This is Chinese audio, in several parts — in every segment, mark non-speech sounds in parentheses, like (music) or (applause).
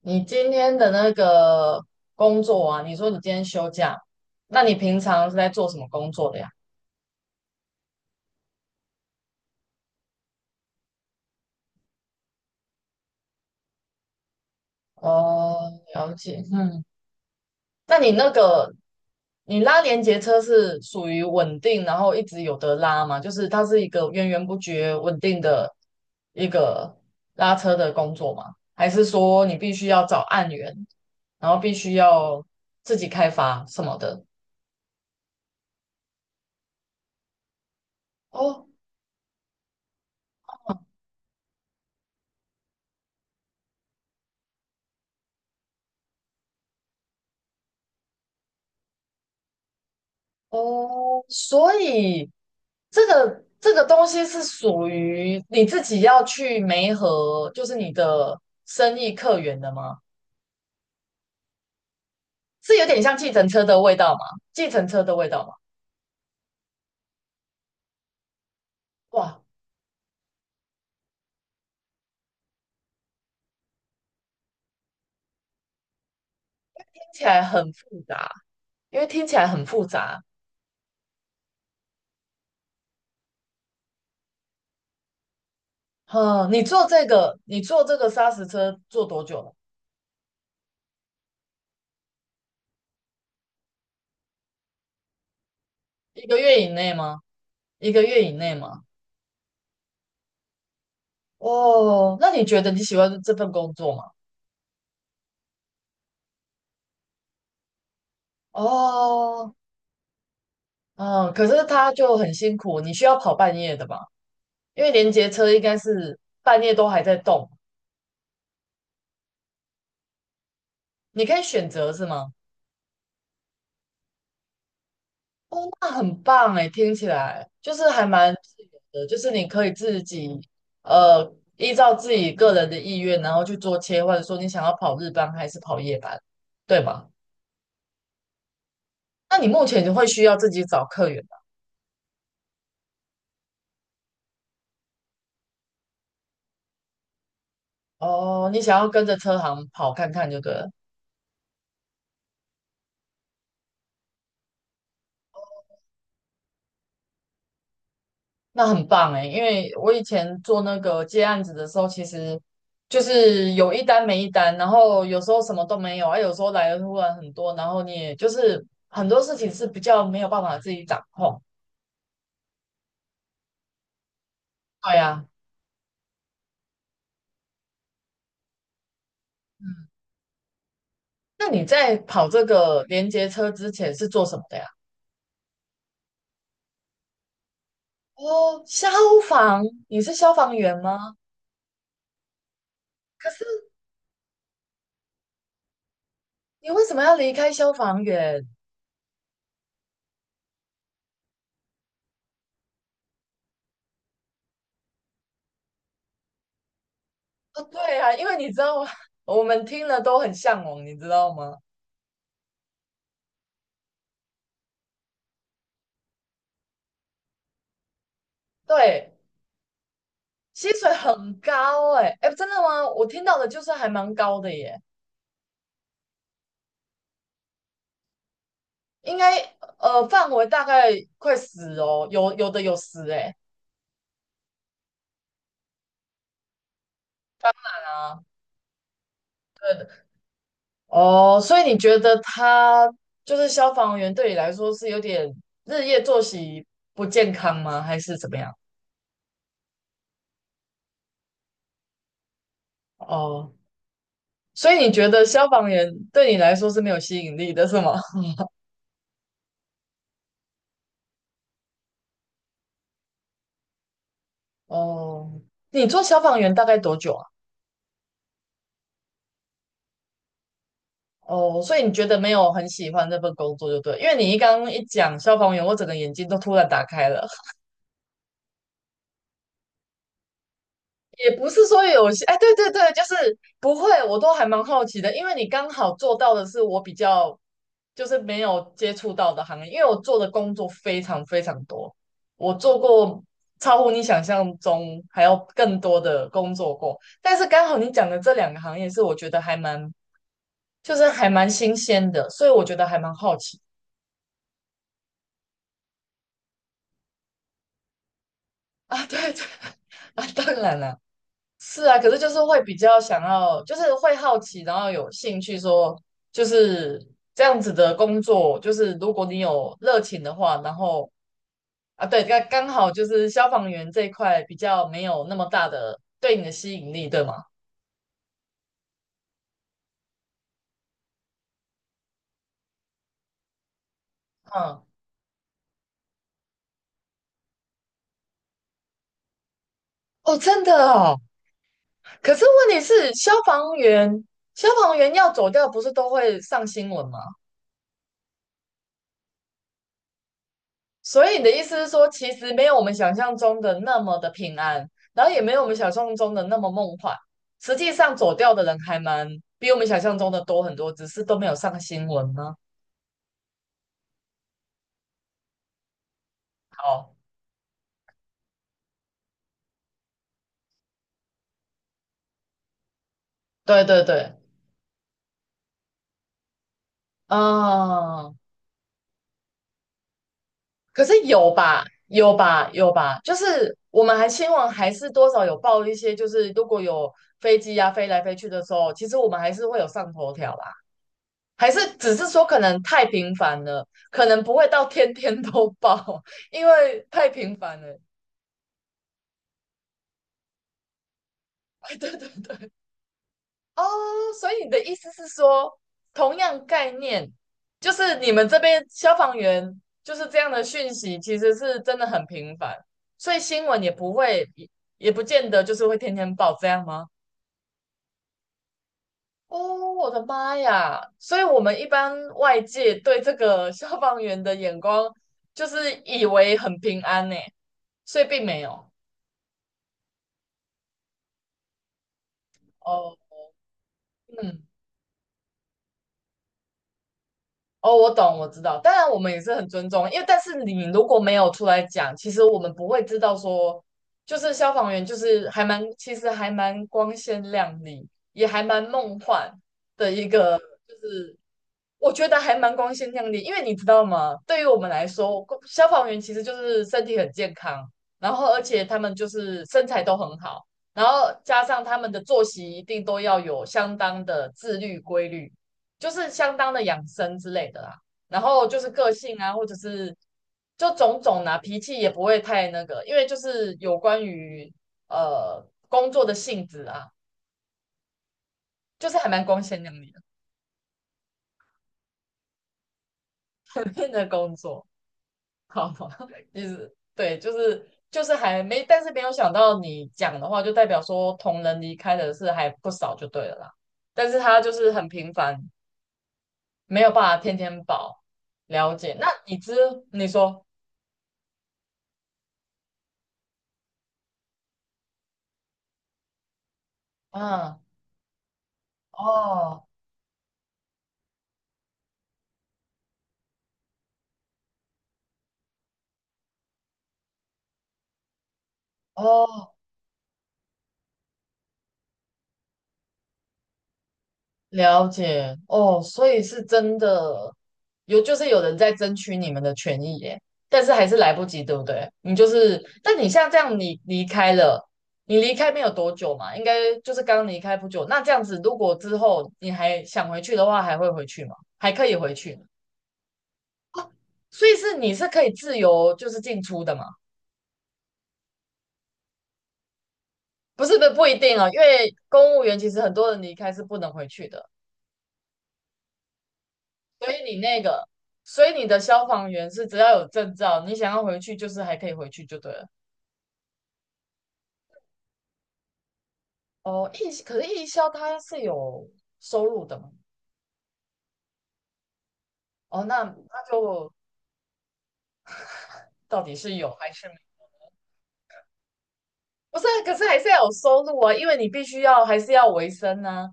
你今天的那个工作啊，你说你今天休假，那你平常是在做什么工作的呀？哦，了解，嗯，那你那个你拉连接车是属于稳定，然后一直有得拉吗？就是它是一个源源不绝、稳定的一个拉车的工作吗？还是说你必须要找案源，然后必须要自己开发什么的？哦。哦，所以这个东西是属于你自己要去媒合，就是你的生意客源的吗？是有点像计程车的味道吗？哇，听起来很复杂，因为听起来很复杂。嗯，你做这个砂石车做多久了？一个月以内吗？一个月以内吗？哦，那你觉得你喜欢这份工作吗？哦，嗯，可是他就很辛苦，你需要跑半夜的吧？因为连接车应该是半夜都还在动，你可以选择是吗？哦，那很棒哎，听起来就是还蛮自由的，就是你可以自己依照自己个人的意愿，然后去做切换，说你想要跑日班还是跑夜班，对吗？那你目前就会需要自己找客源吧哦，你想要跟着车行跑看看就对了。那很棒哎，因为我以前做那个接案子的时候，其实就是有一单没一单，然后有时候什么都没有，啊，有时候来的突然很多，然后你也就是很多事情是比较没有办法自己掌控。对呀，嗯，那你在跑这个连接车之前是做什么的呀？哦，消防，你是消防员吗？可是你为什么要离开消防员？哦，对啊，因为你知道吗，(laughs) 我们听了都很向往，你知道吗？对，薪水很高哎、哎，真的吗？我听到的就是还蛮高的耶，应该范围大概快十哦，有的有十哎，当然啊，哦，所以你觉得他就是消防员对你来说是有点日夜作息不健康吗？还是怎么样？哦，所以你觉得消防员对你来说是没有吸引力的，是吗？(laughs) 哦，你做消防员大概多久啊？哦，所以你觉得没有很喜欢这份工作就对，因为你一刚刚一讲消防员，我整个眼睛都突然打开了。(laughs) 也不是说有些，哎，对对对，就是不会，我都还蛮好奇的，因为你刚好做到的是我比较就是没有接触到的行业，因为我做的工作非常非常多，我做过超乎你想象中还要更多的工作过，但是刚好你讲的这两个行业是我觉得还蛮就是还蛮新鲜的，所以我觉得还蛮好奇。(laughs) 啊，对对 (laughs) 啊，当然了，是啊，可是就是会比较想要，就是会好奇，然后有兴趣说，就是这样子的工作，就是如果你有热情的话，然后啊，对，刚刚好就是消防员这一块比较没有那么大的对你的吸引力，对吗？嗯，哦，真的哦，可是问题是消防员，消防员要走掉不是都会上新闻吗？所以你的意思是说，其实没有我们想象中的那么的平安，然后也没有我们想象中的那么梦幻。实际上走掉的人还蛮比我们想象中的多很多，只是都没有上新闻呢。好，对对对，啊，可是有吧，有吧，有吧，就是我们还新闻还是多少有报一些，就是如果有飞机啊飞来飞去的时候，其实我们还是会有上头条啦。还是只是说可能太频繁了，可能不会到天天都报，(laughs) 因为太频繁了。(laughs) 哎，对对对，哦，所以你的意思是说，同样概念，就是你们这边消防员就是这样的讯息，其实是真的很频繁，所以新闻也不会，也不见得就是会天天报，这样吗？哦，我的妈呀！所以我们一般外界对这个消防员的眼光，就是以为很平安呢。所以并没有。哦，嗯，哦，我懂，我知道。当然，我们也是很尊重，因为但是你如果没有出来讲，其实我们不会知道说，就是消防员就是还蛮，其实还蛮光鲜亮丽，也还蛮梦幻的一个，就是我觉得还蛮光鲜亮丽，因为你知道吗？对于我们来说，公消防员其实就是身体很健康，然后而且他们就是身材都很好，然后加上他们的作息一定都要有相当的自律规律，就是相当的养生之类的啦。然后就是个性啊，或者是就种种啊，脾气也不会太那个，因为就是有关于工作的性质啊，就是还蛮光鲜亮丽的 (laughs) 那工作。好吧，意思对，就是还没，但是没有想到你讲的话，就代表说同人离开的是还不少，就对了啦。但是他就是很频繁，没有办法天天保了解。那已知你说，嗯，哦哦了解哦，所以是真的有，就是有人在争取你们的权益耶，但是还是来不及，对不对？你就是，但你像这样，你离开了，你离开没有多久嘛，应该就是刚离开不久。那这样子，如果之后你还想回去的话，还会回去吗？还可以回去，所以是你是可以自由就是进出的嘛？不是，不一定哦，因为公务员其实很多人离开是不能回去的。所以你那个，所以你的消防员是只要有证照，你想要回去就是还可以回去就对了。哦，义可是义消它是有收入的嘛？哦，那就到底是有还是没？不是啊可是还是要有收入啊，因为你必须要还是要维生啊，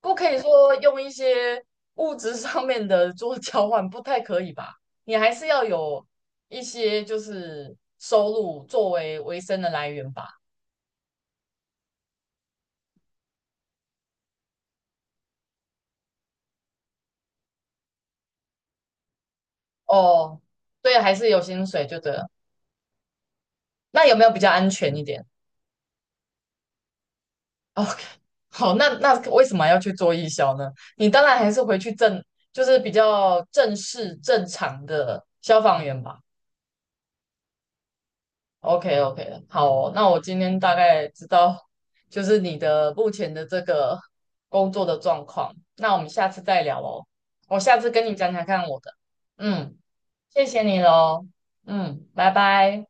不可以说用一些物质上面的做交换，不太可以吧？你还是要有一些就是收入作为维生的来源吧？哦，对，还是有薪水就对了。那有没有比较安全一点？OK，好，那为什么要去做义消呢？你当然还是回去正，就是比较正式正常的消防员吧。OK OK，好哦那我今天大概知道就是你的目前的这个工作的状况，那我们下次再聊哦。我下次跟你讲讲看我的，嗯，谢谢你喽，嗯，拜拜。